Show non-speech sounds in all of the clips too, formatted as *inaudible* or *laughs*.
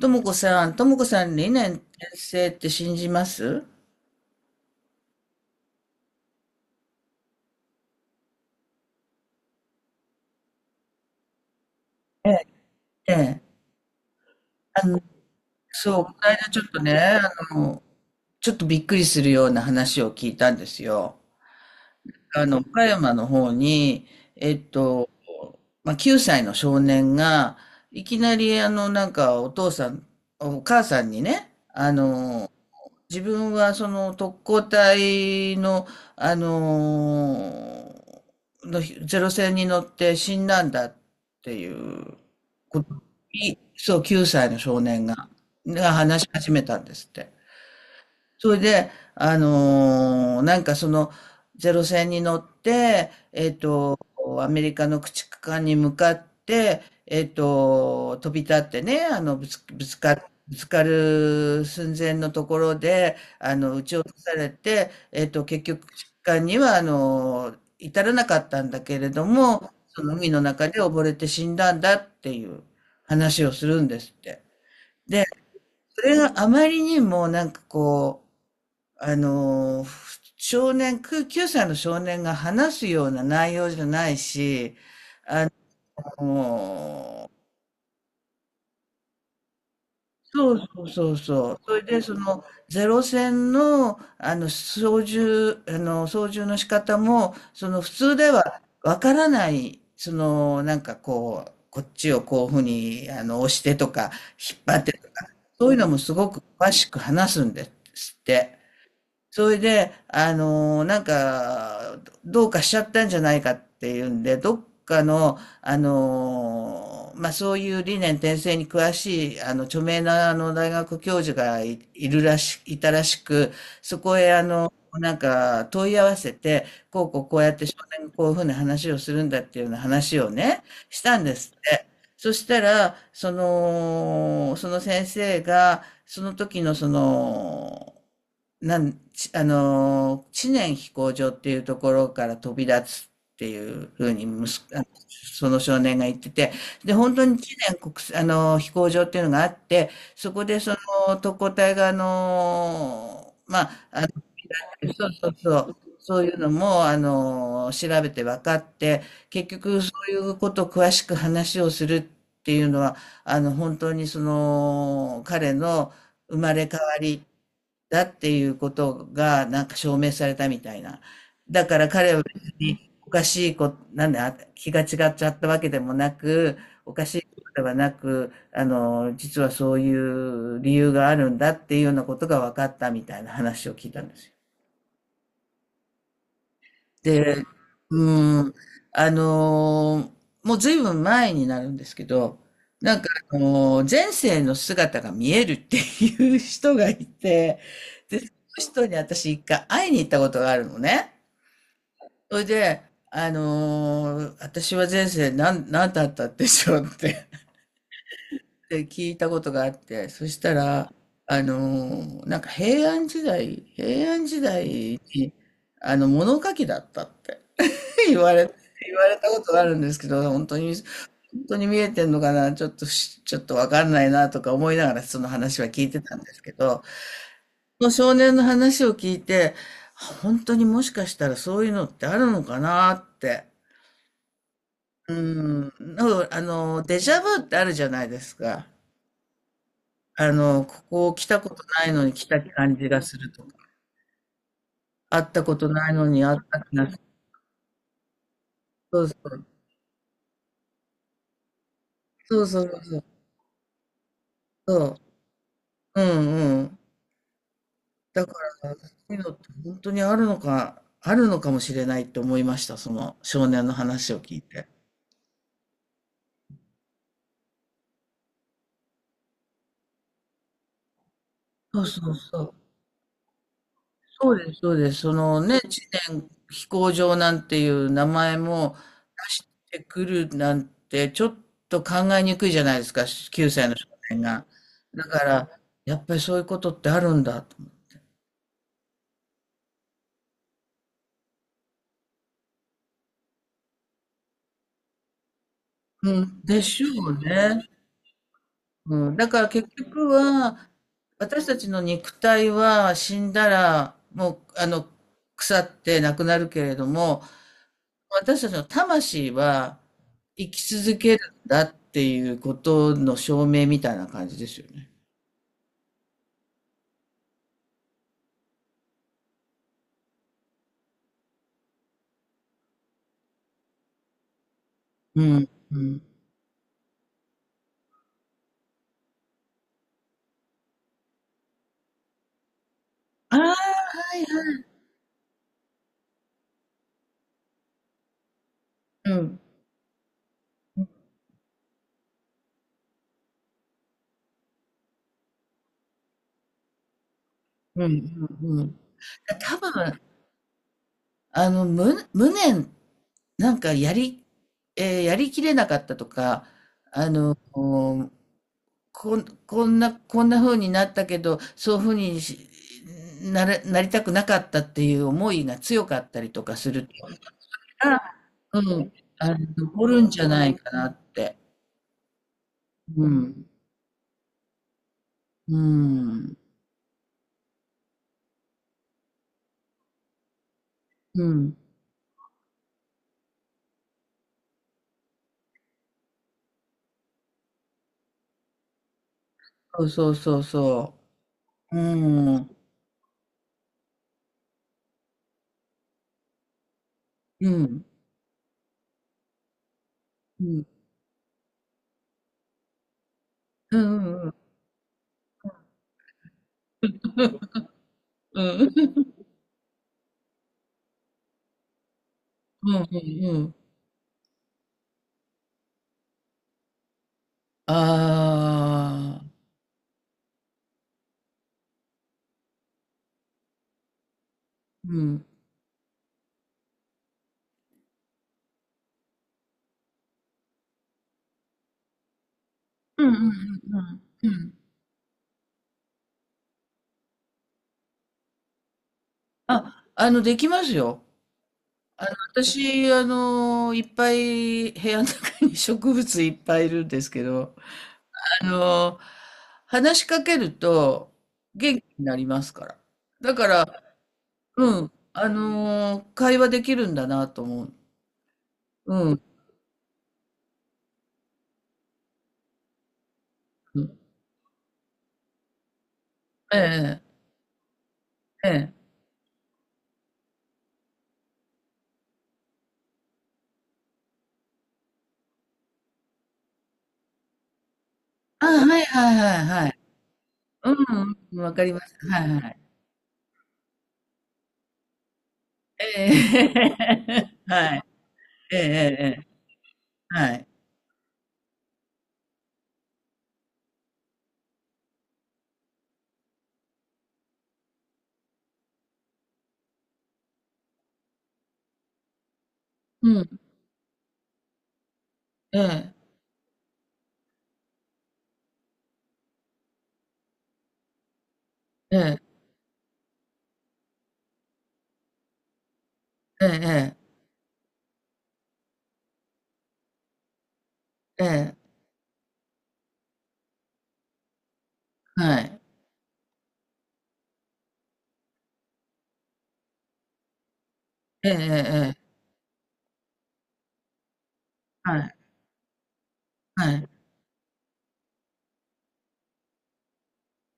ともこさん、ともこさん、理念転生って信じます？ええ、ええ。あの、そう、この間ちょっとね、ちょっとびっくりするような話を聞いたんですよ。岡山の方に、えっと、まあ、9歳の少年が、いきなり、なんか、お父さん、お母さんにね、自分はその特攻隊の、あのゼロ戦に乗って死んだんだっていうことに、そう、9歳の少年が話し始めたんですって。それで、なんかその、ゼロ戦に乗って、アメリカの駆逐艦に向かって、飛び立ってね、ぶつかる寸前のところで、撃ち落とされて、結局、駆逐艦には、至らなかったんだけれども、その海の中で溺れて死んだんだっていう話をするんですって。で、それがあまりにもなんかこう、あの、少年、く9歳の少年が話すような内容じゃないし、あの、そうそうそうそう。それで、その、ゼロ戦の、操縦の仕方も、その、普通ではわからない、その、なんかこう、こっちをこういうふうに、押してとか、引っ張ってとか、そういうのもすごく詳しく話すんですって。それで、なんか、どうかしちゃったんじゃないかっていうんで、どっかの、まあ、そういう理念転生に詳しい、著名な、大学教授がいたらしく、そこへ、なんか、問い合わせて、こうこうこうやって少年がこういうふうな話をするんだっていうような話をね、したんですって。そしたら、その、その先生が、その時のその、なん、ちあの知念飛行場っていうところから飛び立つっていうふうに、むす、あの、その少年が言ってて、で、本当に知念国際、あの飛行場っていうのがあって、そこでその特攻隊が、あのまあ、そうそうそう、そういうのも、調べて分かって、結局そういうことを詳しく話をするっていうのは、本当にその、彼の生まれ変わり、だっていうことがなんか証明されたみたいな。だから彼は別におかしいこと、なんだ、気が違っちゃったわけでもなく、おかしいことではなく、実はそういう理由があるんだっていうようなことが分かったみたいな話を聞いたんですよ。で、うん、あの、もうずいぶん前になるんですけど、なんかあの、前世の姿が見えるっていう人がいて、で、その人に私一回会いに行ったことがあるのね。それで、私は前世なんなんだったんでしょうって *laughs* で、聞いたことがあって、そしたら、なんか平安時代に、物書きだったって。言われ、言われたことがあるんですけど、本当に、本当に見えてんのかな、ちょっとわかんないなとか思いながらその話は聞いてたんですけど、その少年の話を聞いて、本当にもしかしたらそういうのってあるのかなって。うん。なんかあの、デジャブってあるじゃないですか。ここ来たことないのに来た感じがするとか、会ったことないのに会った気がする。そうそう。そうそうそうそう。そう。うんうん。だから、そういうのって本当にあるのかもしれないって思いました。その少年の話を聞いて。そうそうそう。そうですそうです。そのね、知念飛行場なんていう名前も出してくるなんて、ちょっと考えにくいじゃないですか、9歳の少年が。だから、やっぱりそういうことってあるんだと。うん、でしょうね。うん、だから結局は、私たちの肉体は死んだら、もう、腐ってなくなるけれども、私たちの魂は生き続けるんだっていうことの証明みたいな感じですよね。うん。うん。ああ、はいはい。うん。うん。うん。多分、無念、なんかやり、やりきれなかったとか、あの、こんな風になったけど、そういう風にしなれ、なりたくなかったっていう思いが強かったりとかすると、あうん、残るんじゃないかなって。うん。うん。うん。そうそうそうそう。うん。うん。うん。うんうんうん。うん。うんうんうん。ああ。うん。うんうんうんうん。うんうんうんうんうんああうんうんうんうんうんあの、できますよ。私、いっぱい部屋の中に植物いっぱいいるんですけど、あの、話しかけると元気になりますから。だから、うん、会話できるんだなと思う。うん。うん。ええ、ええ。あ、はいはいはいはい。うん、わかります。はいはい。ええ、*laughs* はい。ええ、ええ、はい。うん、ええ、ええ、ええ、ええ、はい。ええ、ええ、はい。はい。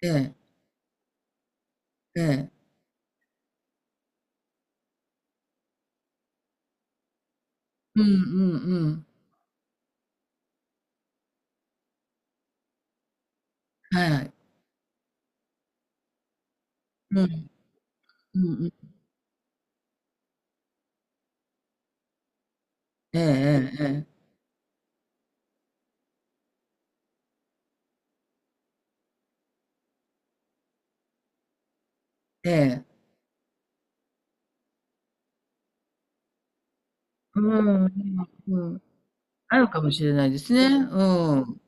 ええ、ええ。うんうんうん。はい。うん、うんうん。ええええええ。ええ。うん、うん、うん。あるかもしれないですね。うん。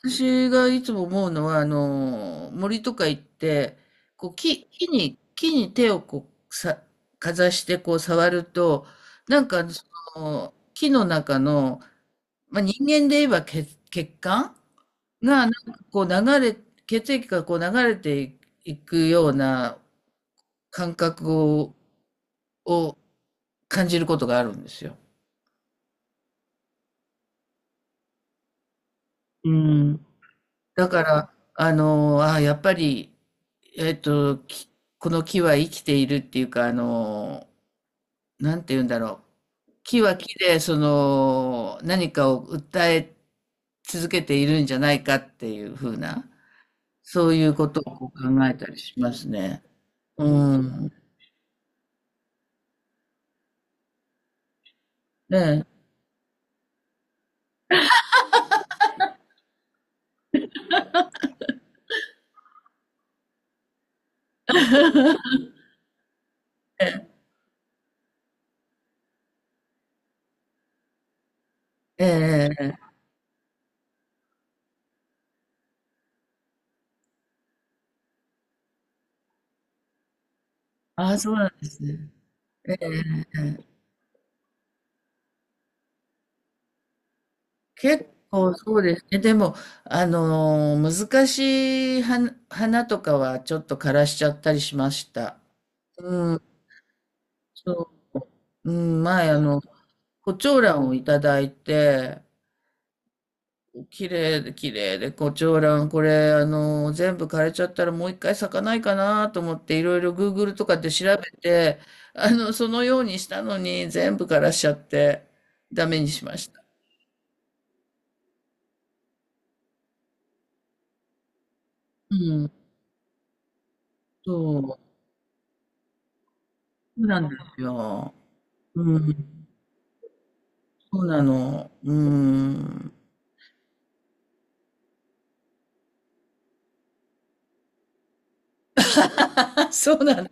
私がいつも思うのは、森とか行って、こう、木に手をこう、かざしてこう触ると、なんか、その、木の中の、まあ、人間で言えば血管が、なんかこう血液がこう流れていくような感覚を感じることがあるんですよ。うん。だから、やっぱり、えっと、この木は生きているっていうか、なんて言うんだろう。木は木で、その、何かを訴え続けているんじゃないかっていうふうな、そういうことを考えたりしますね。うん。ねええええええ。ああ、そうなんですね。ええ。結構そうですね。でも、難しい花とかはちょっと枯らしちゃったりしました。うん、そう、うん、前、胡蝶蘭をいただいて、綺麗で綺麗で胡蝶蘭、これ、全部枯れちゃったらもう一回咲かないかなと思って、いろいろ Google とかで調べて、そのようにしたのに、全部枯らしちゃって、ダメにしました。うん、そう、そうなんですよ。うん。そうなの。うーん。*laughs* そうなの。